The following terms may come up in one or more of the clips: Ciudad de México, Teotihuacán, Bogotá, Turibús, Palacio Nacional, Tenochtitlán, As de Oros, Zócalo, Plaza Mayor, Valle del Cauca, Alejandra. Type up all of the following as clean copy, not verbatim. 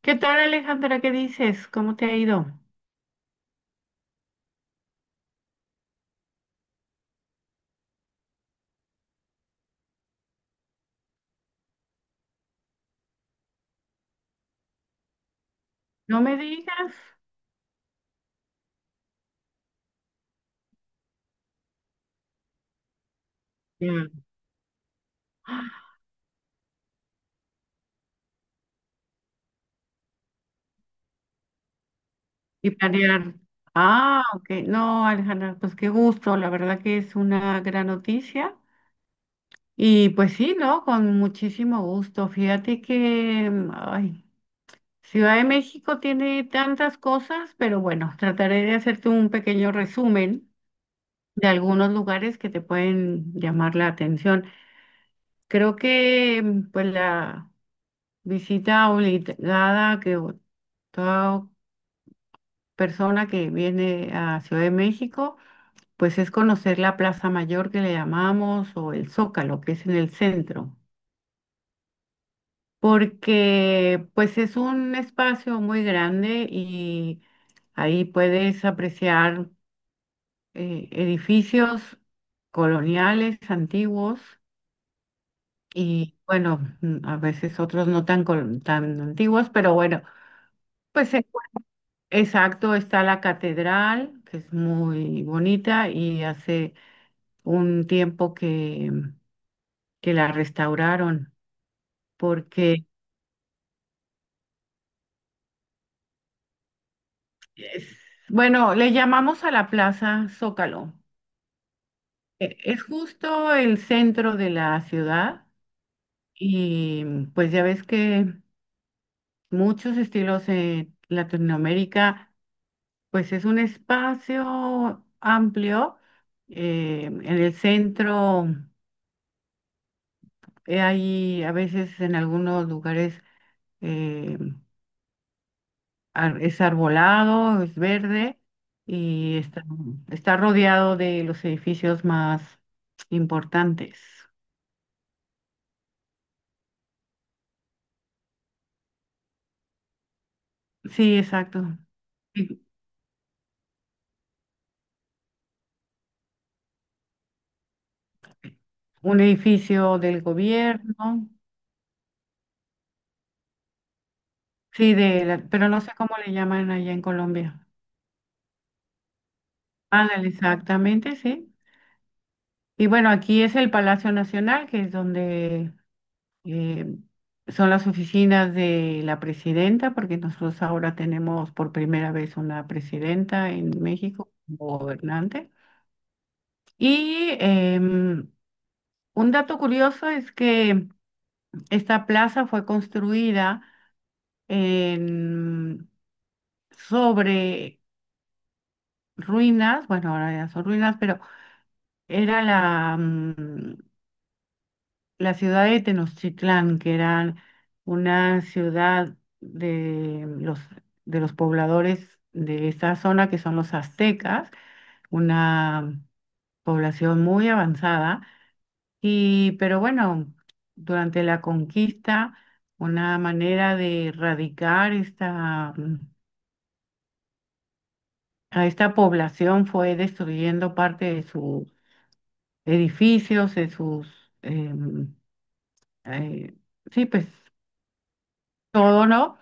¿Qué tal, Alejandra? ¿Qué dices? ¿Cómo te ha ido? No me digas. Ya. Y planear. Ah, ok. No, Alejandra, pues qué gusto. La verdad que es una gran noticia. Y pues sí, ¿no? Con muchísimo gusto. Fíjate que, ay, Ciudad de México tiene tantas cosas, pero bueno, trataré de hacerte un pequeño resumen de algunos lugares que te pueden llamar la atención. Creo que, pues, la visita obligada. Toda persona que viene a Ciudad de México, pues es conocer la Plaza Mayor que le llamamos o el Zócalo, que es en el centro, porque pues es un espacio muy grande y ahí puedes apreciar edificios coloniales antiguos y bueno, a veces otros no tan, tan antiguos, pero bueno, pues exacto, está la catedral, que es muy bonita y hace un tiempo que la restauraron, porque, es- bueno, le llamamos a la Plaza Zócalo. Es justo el centro de la ciudad y pues ya ves que muchos estilos en Latinoamérica, pues es un espacio amplio. En el centro hay a veces en algunos lugares eh, es arbolado, es verde y está rodeado de los edificios más importantes. Sí, exacto. Y un edificio del gobierno, sí, pero no sé cómo le llaman allá en Colombia. Ándale, exactamente, sí. Y bueno, aquí es el Palacio Nacional, que es donde eh, son las oficinas de la presidenta, porque nosotros ahora tenemos por primera vez una presidenta en México como gobernante. Y un dato curioso es que esta plaza fue construida en- sobre ruinas, bueno, ahora ya son ruinas, pero era la ciudad de Tenochtitlán, que era una ciudad de los pobladores de esa zona, que son los aztecas, una población muy avanzada. Y, pero bueno, durante la conquista, una manera de erradicar a esta población fue destruyendo parte de sus edificios, de sus... em, eh, sí, pues todo, ¿no?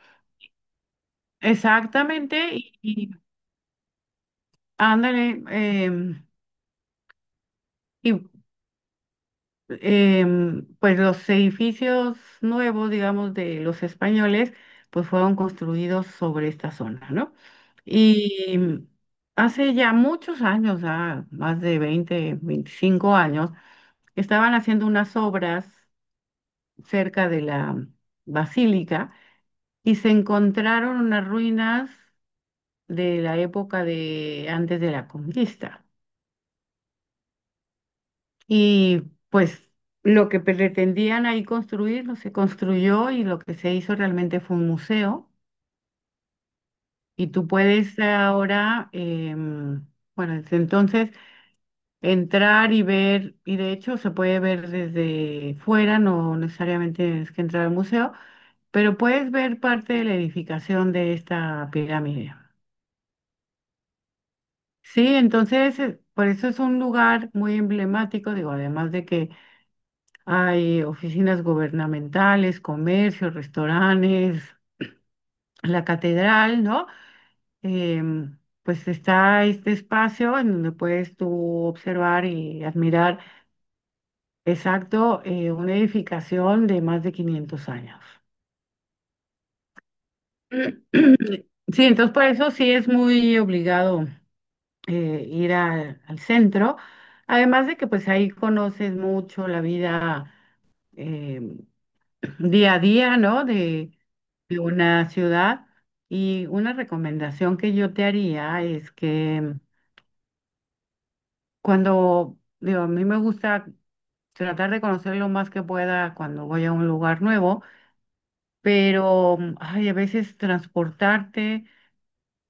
Exactamente, y ándale, y pues los edificios nuevos, digamos, de los españoles, pues fueron construidos sobre esta zona, ¿no? Y hace ya muchos años, ah, más de 20 25 años, estaban haciendo unas obras cerca de la basílica y se encontraron unas ruinas de la época de antes de la conquista. Y pues lo que pretendían ahí construir no se construyó y lo que se hizo realmente fue un museo. Y tú puedes ahora, bueno, desde entonces entrar y ver, y de hecho se puede ver desde fuera, no necesariamente tienes que entrar al museo, pero puedes ver parte de la edificación de esta pirámide. Sí, entonces, por eso es un lugar muy emblemático, digo, además de que hay oficinas gubernamentales, comercios, restaurantes, la catedral, ¿no? Em, pues está este espacio en donde puedes tú observar y admirar. Exacto, una edificación de más de 500 años. Sí, entonces por eso sí es muy obligado ir al centro, además de que pues ahí conoces mucho la vida. em, día a día, ¿no? De una ciudad. Y una recomendación que yo te haría es que cuando, digo, a mí me gusta tratar de conocer lo más que pueda cuando voy a un lugar nuevo, pero ay, a veces transportarte,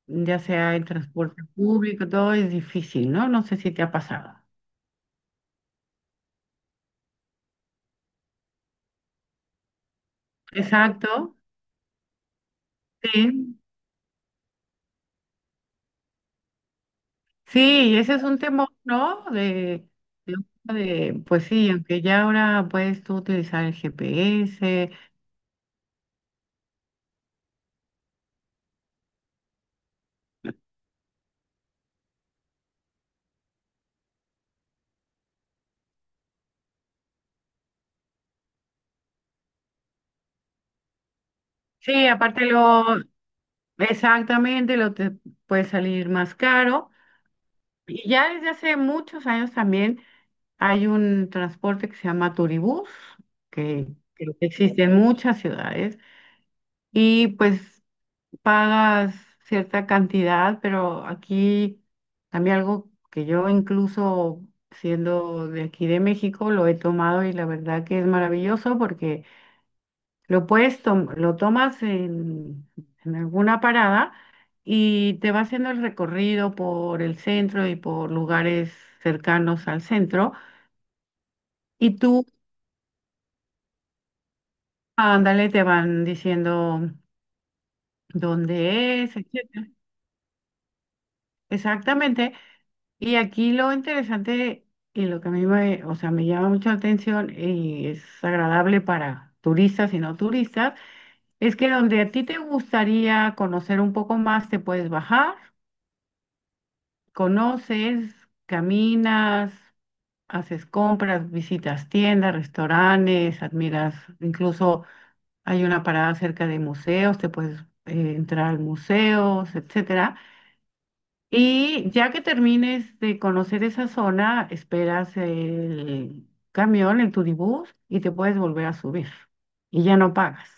ya sea en transporte público, todo es difícil, ¿no? No sé si te ha pasado. Exacto, sí. Sí, ese es un temor, ¿no? De- pues sí, aunque ya ahora puedes tú utilizar el GPS. Sí, aparte lo, exactamente, lo te puede salir más caro. Y ya desde hace muchos años también hay un transporte que se llama Turibús, que creo que existe en muchas ciudades. Y pues pagas cierta cantidad, pero aquí a mí algo que yo incluso siendo de aquí de México lo he tomado y la verdad que es maravilloso porque lo tomas en alguna parada y te va haciendo el recorrido por el centro y por lugares cercanos al centro y tú, ándale, te van diciendo dónde es, etcétera. Exactamente. Y aquí lo interesante y lo que a mí me, o sea, me llama mucho la atención y es agradable para turistas y no turistas, es que donde a ti te gustaría conocer un poco más, te puedes bajar, conoces, caminas, haces compras, visitas tiendas, restaurantes, admiras, incluso hay una parada cerca de museos, te puedes entrar a museos, etcétera. Y ya que termines de conocer esa zona, esperas el camión, el turibús, y te puedes volver a subir. Y ya no pagas.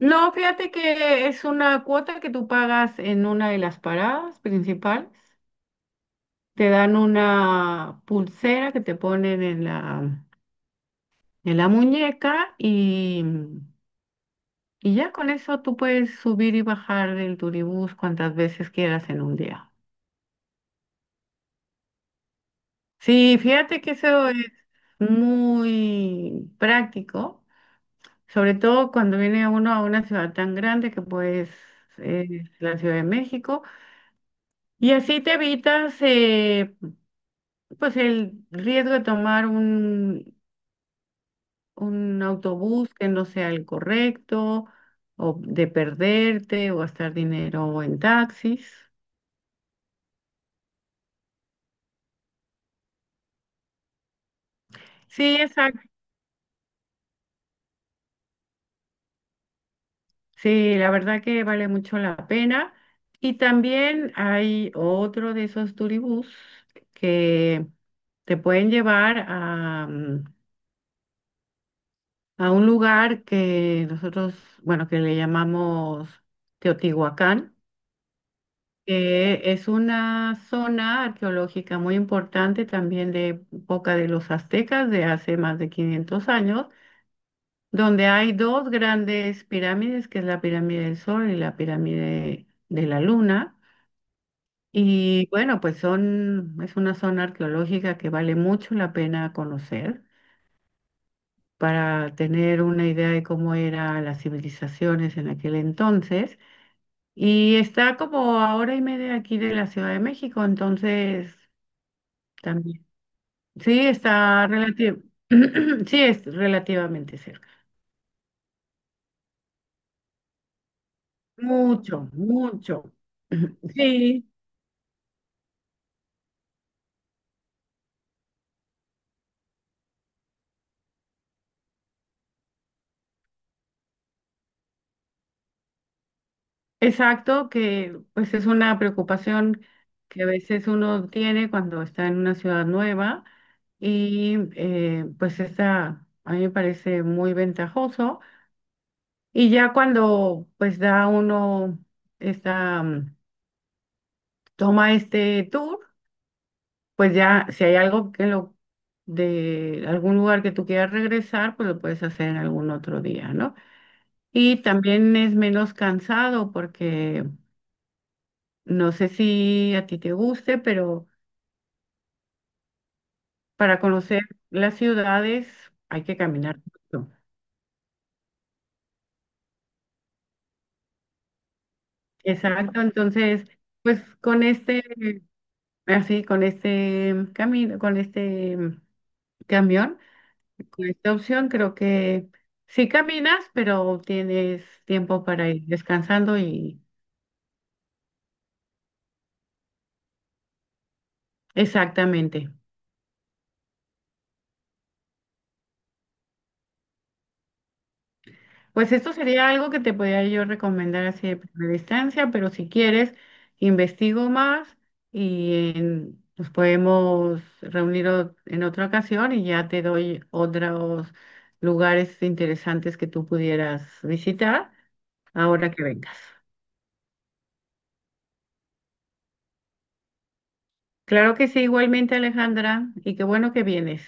No, fíjate que es una cuota que tú pagas en una de las paradas principales. Te dan una pulsera que te ponen en la muñeca y ya con eso tú puedes subir y bajar del turibús cuantas veces quieras en un día. Sí, fíjate que eso es muy práctico, sobre todo cuando viene uno a una ciudad tan grande que pues es la Ciudad de México, y así te evitas pues el riesgo de tomar un autobús que no sea el correcto, o de perderte, o gastar dinero en taxis. Sí, exacto. Sí, la verdad que vale mucho la pena. Y también hay otro de esos turibús que te pueden llevar a un lugar que nosotros, bueno, que le llamamos Teotihuacán, que es una zona arqueológica muy importante también de época de los aztecas de hace más de 500 años, donde hay dos grandes pirámides, que es la pirámide del Sol y la pirámide de la Luna. Y bueno, pues son, es una zona arqueológica que vale mucho la pena conocer para tener una idea de cómo eran las civilizaciones en aquel entonces. Y está como a hora y media aquí de la Ciudad de México, entonces también. Sí, está relativo. Sí, es relativamente cerca. Mucho, mucho. Sí, exacto, que pues es una preocupación que a veces uno tiene cuando está en una ciudad nueva y pues esa a mí me parece muy ventajoso. Y ya cuando pues da uno esta, mm, toma este tour, pues ya si hay algo que lo de algún lugar que tú quieras regresar, pues lo puedes hacer en algún otro día, ¿no? Y también es menos cansado porque no sé si a ti te guste, pero para conocer las ciudades hay que caminar mucho. Exacto, entonces pues con este Así, con este camino, con este camión, con esta opción, creo que sí caminas, pero tienes tiempo para ir descansando y exactamente. Pues esto sería algo que te podría yo recomendar así de primera instancia, pero si quieres, investigo más y nos podemos reunir en otra ocasión y ya te doy otros lugares interesantes que tú pudieras visitar ahora que vengas. Claro que sí, igualmente Alejandra, y qué bueno que vienes.